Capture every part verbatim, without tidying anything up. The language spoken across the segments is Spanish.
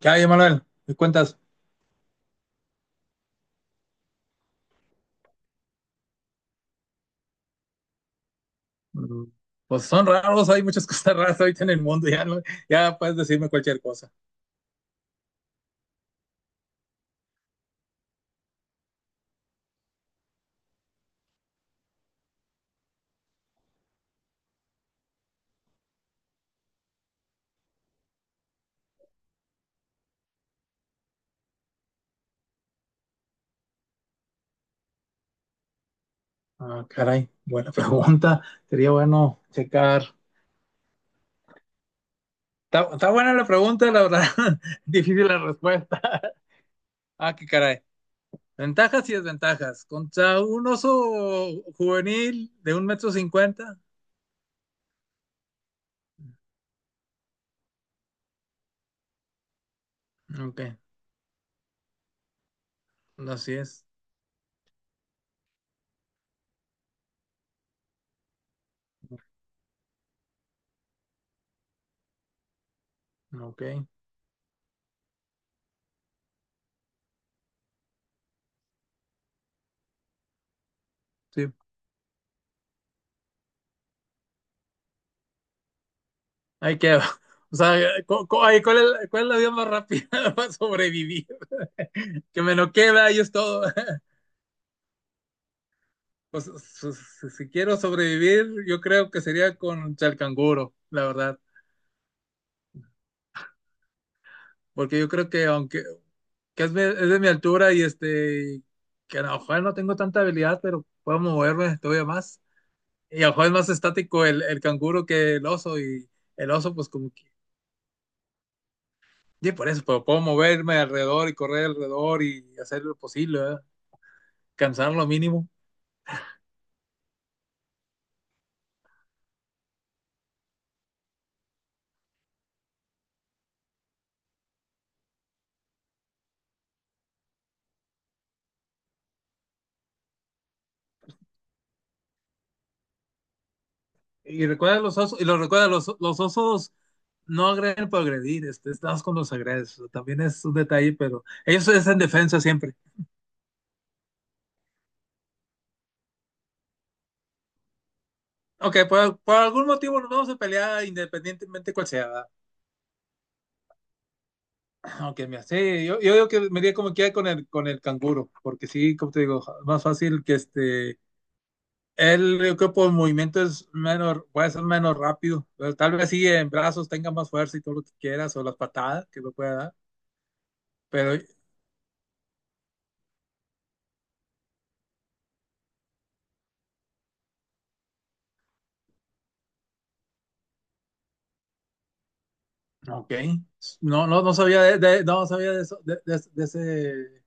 ¿Qué hay, Manuel? ¿Me cuentas? Mm, pues son raros, hay muchas cosas raras ahorita en el mundo, ya, no- ya puedes decirme cualquier cosa. Ah, caray, buena pregunta, sería bueno checar. Está, está buena la pregunta, la verdad, difícil la respuesta. Ah, qué caray. Ventajas y desventajas. Contra un oso juvenil de un metro cincuenta. Ok, así es. Ok, sí, ahí queda. O sea, cu- cu- ahí, ¿cuál es, cuál es la vía más rápida para sobrevivir? Que me lo queda y es todo. Pues, si, si quiero sobrevivir, yo creo que sería con chalcanguro, la verdad. Porque yo creo que aunque que es, mi- es de mi altura y este, que a lo mejor no tengo tanta habilidad, pero puedo moverme todavía más. Y a lo mejor es más estático el, el canguro que el oso y el oso pues como que... Y por eso, pero puedo moverme alrededor y correr alrededor y hacer lo posible, ¿verdad? Cansar lo mínimo. Y recuerda los osos, y lo recuerda, los, los osos no agreden por agredir, este, estás con los agredes, también es un detalle, pero ellos es en defensa siempre. Ok, por, por algún motivo nos vamos a pelear independientemente cuál sea, ¿verdad? Ah, ok, mira, sí, yo, yo digo que me iría como quiera con el, con el canguro, porque sí, como te digo, más fácil que este, él, yo creo por movimiento es menos, puede ser menos rápido, pero tal vez sí en brazos tenga más fuerza y todo lo que quieras, o las patadas que lo pueda dar. Pero ok. No, no, no sabía de, de- no sabía de eso, de, de- de ese.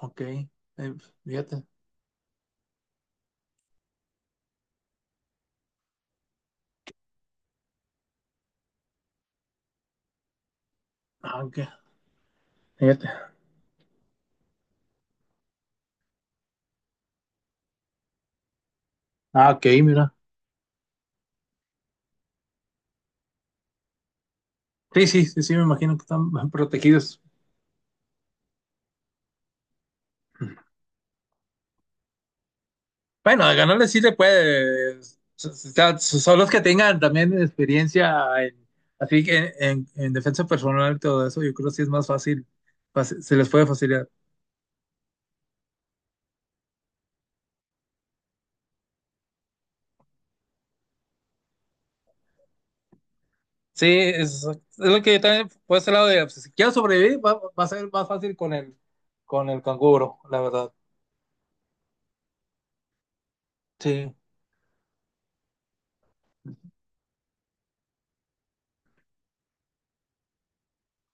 Ok. Eh, fíjate. Ah, ok. Fíjate. Ah, ok, mira. Sí, sí, sí, sí, me imagino que están protegidos. Bueno, de ganarle sí le puede. So- so- Son los que tengan también experiencia en, así que en, en- en defensa personal y todo eso, yo creo que sí es más fácil, fácil- se les puede facilitar. Sí, es, es lo que yo también por ese lado de pues, si quiero sobrevivir, va, va a ser más fácil con el con el canguro, la verdad. Sí,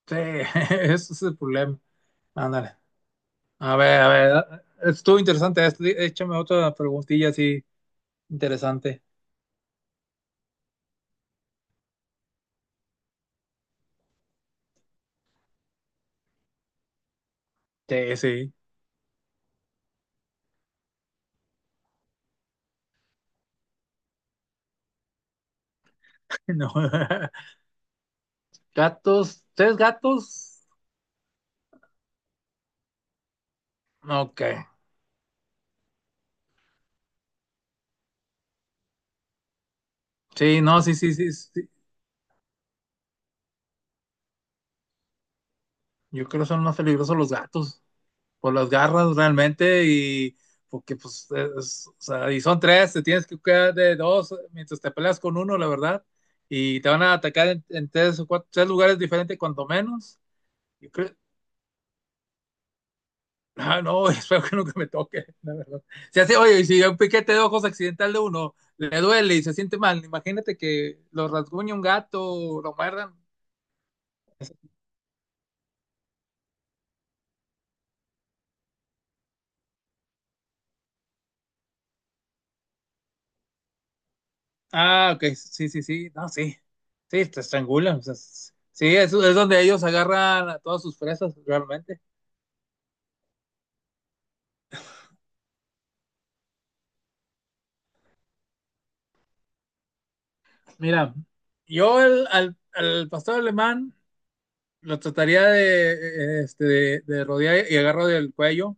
sí, ese es el problema. Ándale. A ver, a ver, ah, estuvo interesante esto. Dí- Échame otra preguntilla así interesante. Sí, sí. No. Gatos, ¿tres gatos? Ok. Sí, no, sí, sí, sí, sí. Yo creo que son más peligrosos los gatos por las garras realmente y porque pues, es- o sea, y son tres, te tienes que cuidar de dos mientras te peleas con uno, la verdad. Y te van a atacar en, en tres o cuatro, tres lugares diferentes cuanto menos. Yo creo- Ah, no, espero que nunca me toque, la verdad. Si hace, oye, y si un piquete de ojos accidental de uno le duele y se siente mal, imagínate que lo rasguñe un gato, lo muerdan. Ah, ok, sí, sí, sí, no, sí, sí, te estrangulan. O sea, s- sí, es, es donde ellos agarran a todas sus presas, realmente. Mira, yo el- al, al pastor alemán lo trataría de, eh, este, de, de rodear y agarro del cuello,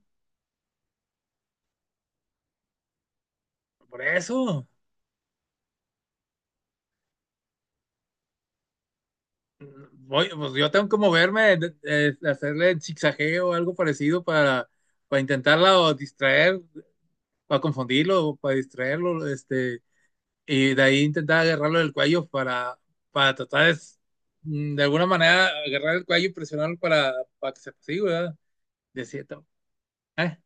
por eso. Voy, pues yo tengo que moverme, de- de- hacerle el zigzagueo o algo parecido para, para intentarla distraer, para confundirlo, para distraerlo, este, y de ahí intentar agarrarlo del cuello para, para tratar de, s- mm, de alguna manera agarrar el cuello y presionarlo para, para que se siga, ¿verdad? De cierto. Eh,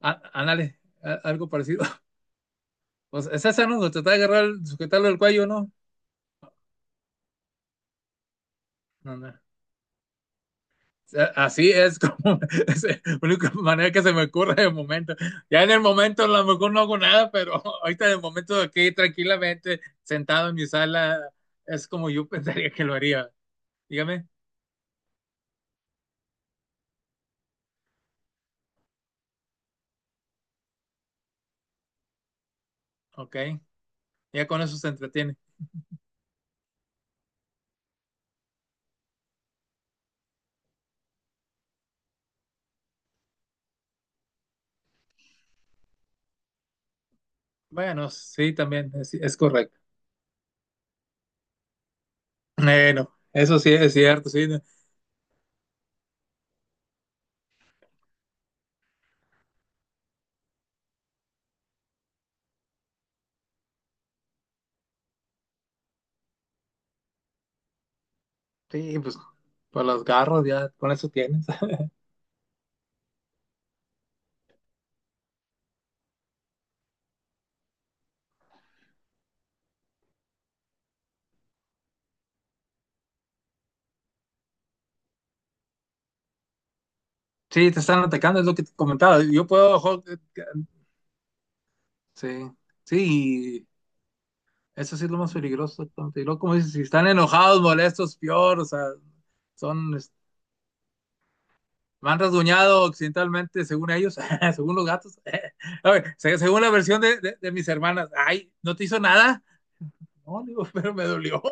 á- ándale, a- algo parecido. Pues esa es esa, ¿no? Tratar de agarrar, sujetarlo del cuello, ¿no? No, no. Así es como es la única manera que se me ocurre de momento. Ya en el momento a lo mejor no hago nada, pero ahorita en el momento aquí tranquilamente sentado en mi sala es como yo pensaría que lo haría. Dígame, ok, ya con eso se entretiene. Bueno, sí, también es, es correcto. Bueno, eso sí es cierto, sí, ¿no? Sí, pues por los garros ya con eso tienes. Sí, te están atacando, es lo que te comentaba. Yo puedo, jo- eh, sí, sí, eso sí es lo más peligroso, tonto. Y luego, como dices, si están enojados, molestos, peor, o sea, son, es- van rasguñado occidentalmente, según ellos, según los gatos. A ver, se- según la versión de, de- de mis hermanas, ay, ¿no te hizo nada? No, digo, pero me dolió,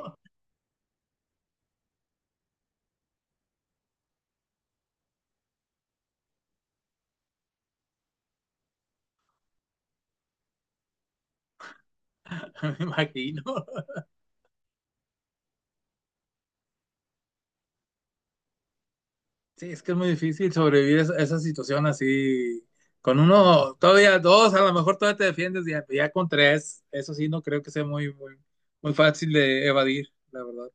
me imagino. Sí, es que es muy difícil sobrevivir esa, esa situación así. Con uno, todavía dos, a lo mejor todavía te defiendes, ya, ya con tres, eso sí, no creo que sea muy, muy, muy fácil de evadir, la verdad.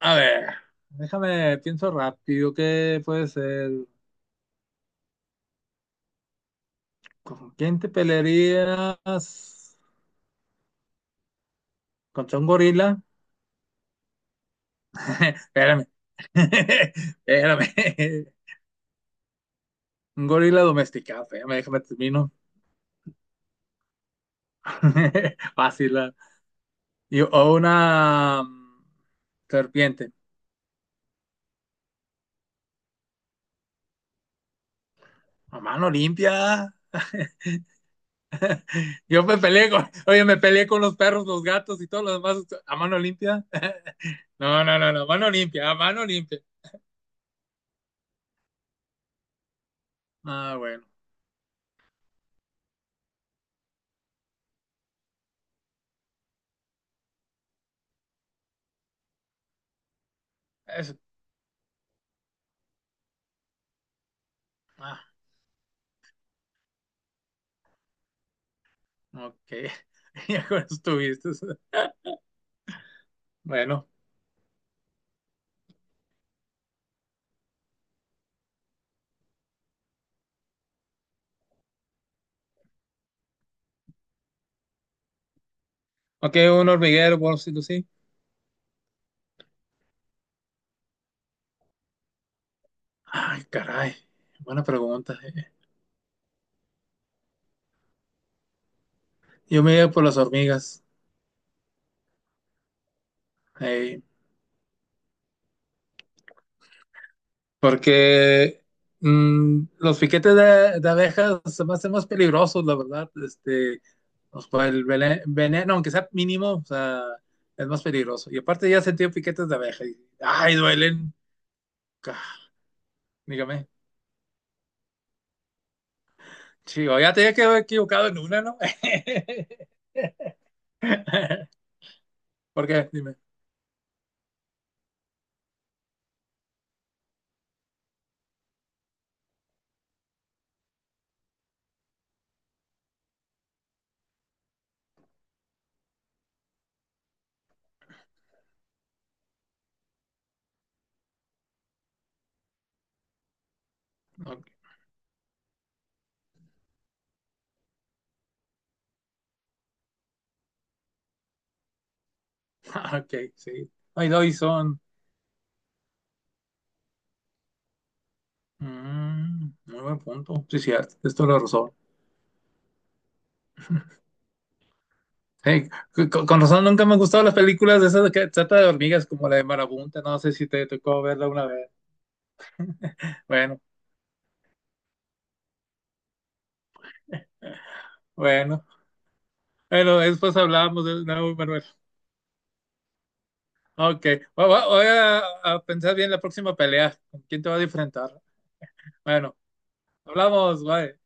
A ver, déjame, pienso rápido, ¿qué puede ser? ¿Con quién te pelearías? ¿Contra un gorila? Espérame, espérame. Un gorila domesticado, espérame, déjame termino. Fácil. Ah. Y- O una mm, serpiente. A mano limpia. Yo me peleé con, oye, me peleé con los perros, los gatos y todo lo demás a mano limpia. No, no, no, no, mano limpia, a mano limpia. Ah, bueno. Eso. Ah. Ok, ya con eso estuviste. Bueno, ok, un hormiguero, por si tú sí. Ay, caray, buena pregunta. Eh. Yo me iba por las hormigas, eh, porque mm, los piquetes de, de abejas se me hacen más peligrosos, la verdad. Este, pues, por el vene- veneno, aunque sea mínimo, o sea, es más peligroso. Y aparte ya he sentido piquetes de abeja y, ay, duelen. Ca- Dígame. Chivo, ya te había quedado equivocado en una, ¿no? ¿Por qué? Dime. Ok. Ah, ok, sí. Ay, Dyson. Mm, muy buen punto. Sí, cierto. Es toda la razón. Hey, c- con, con razón nunca me han gustado las películas de esas de que trata de hormigas como la de Marabunta. No sé si te tocó verla una vez. Bueno, bueno. Bueno, después hablamos de nuevo, Manuel. Ok. Voy, voy- voy a, a pensar bien la próxima pelea. ¿Con quién te va a enfrentar? Bueno, hablamos. Bye.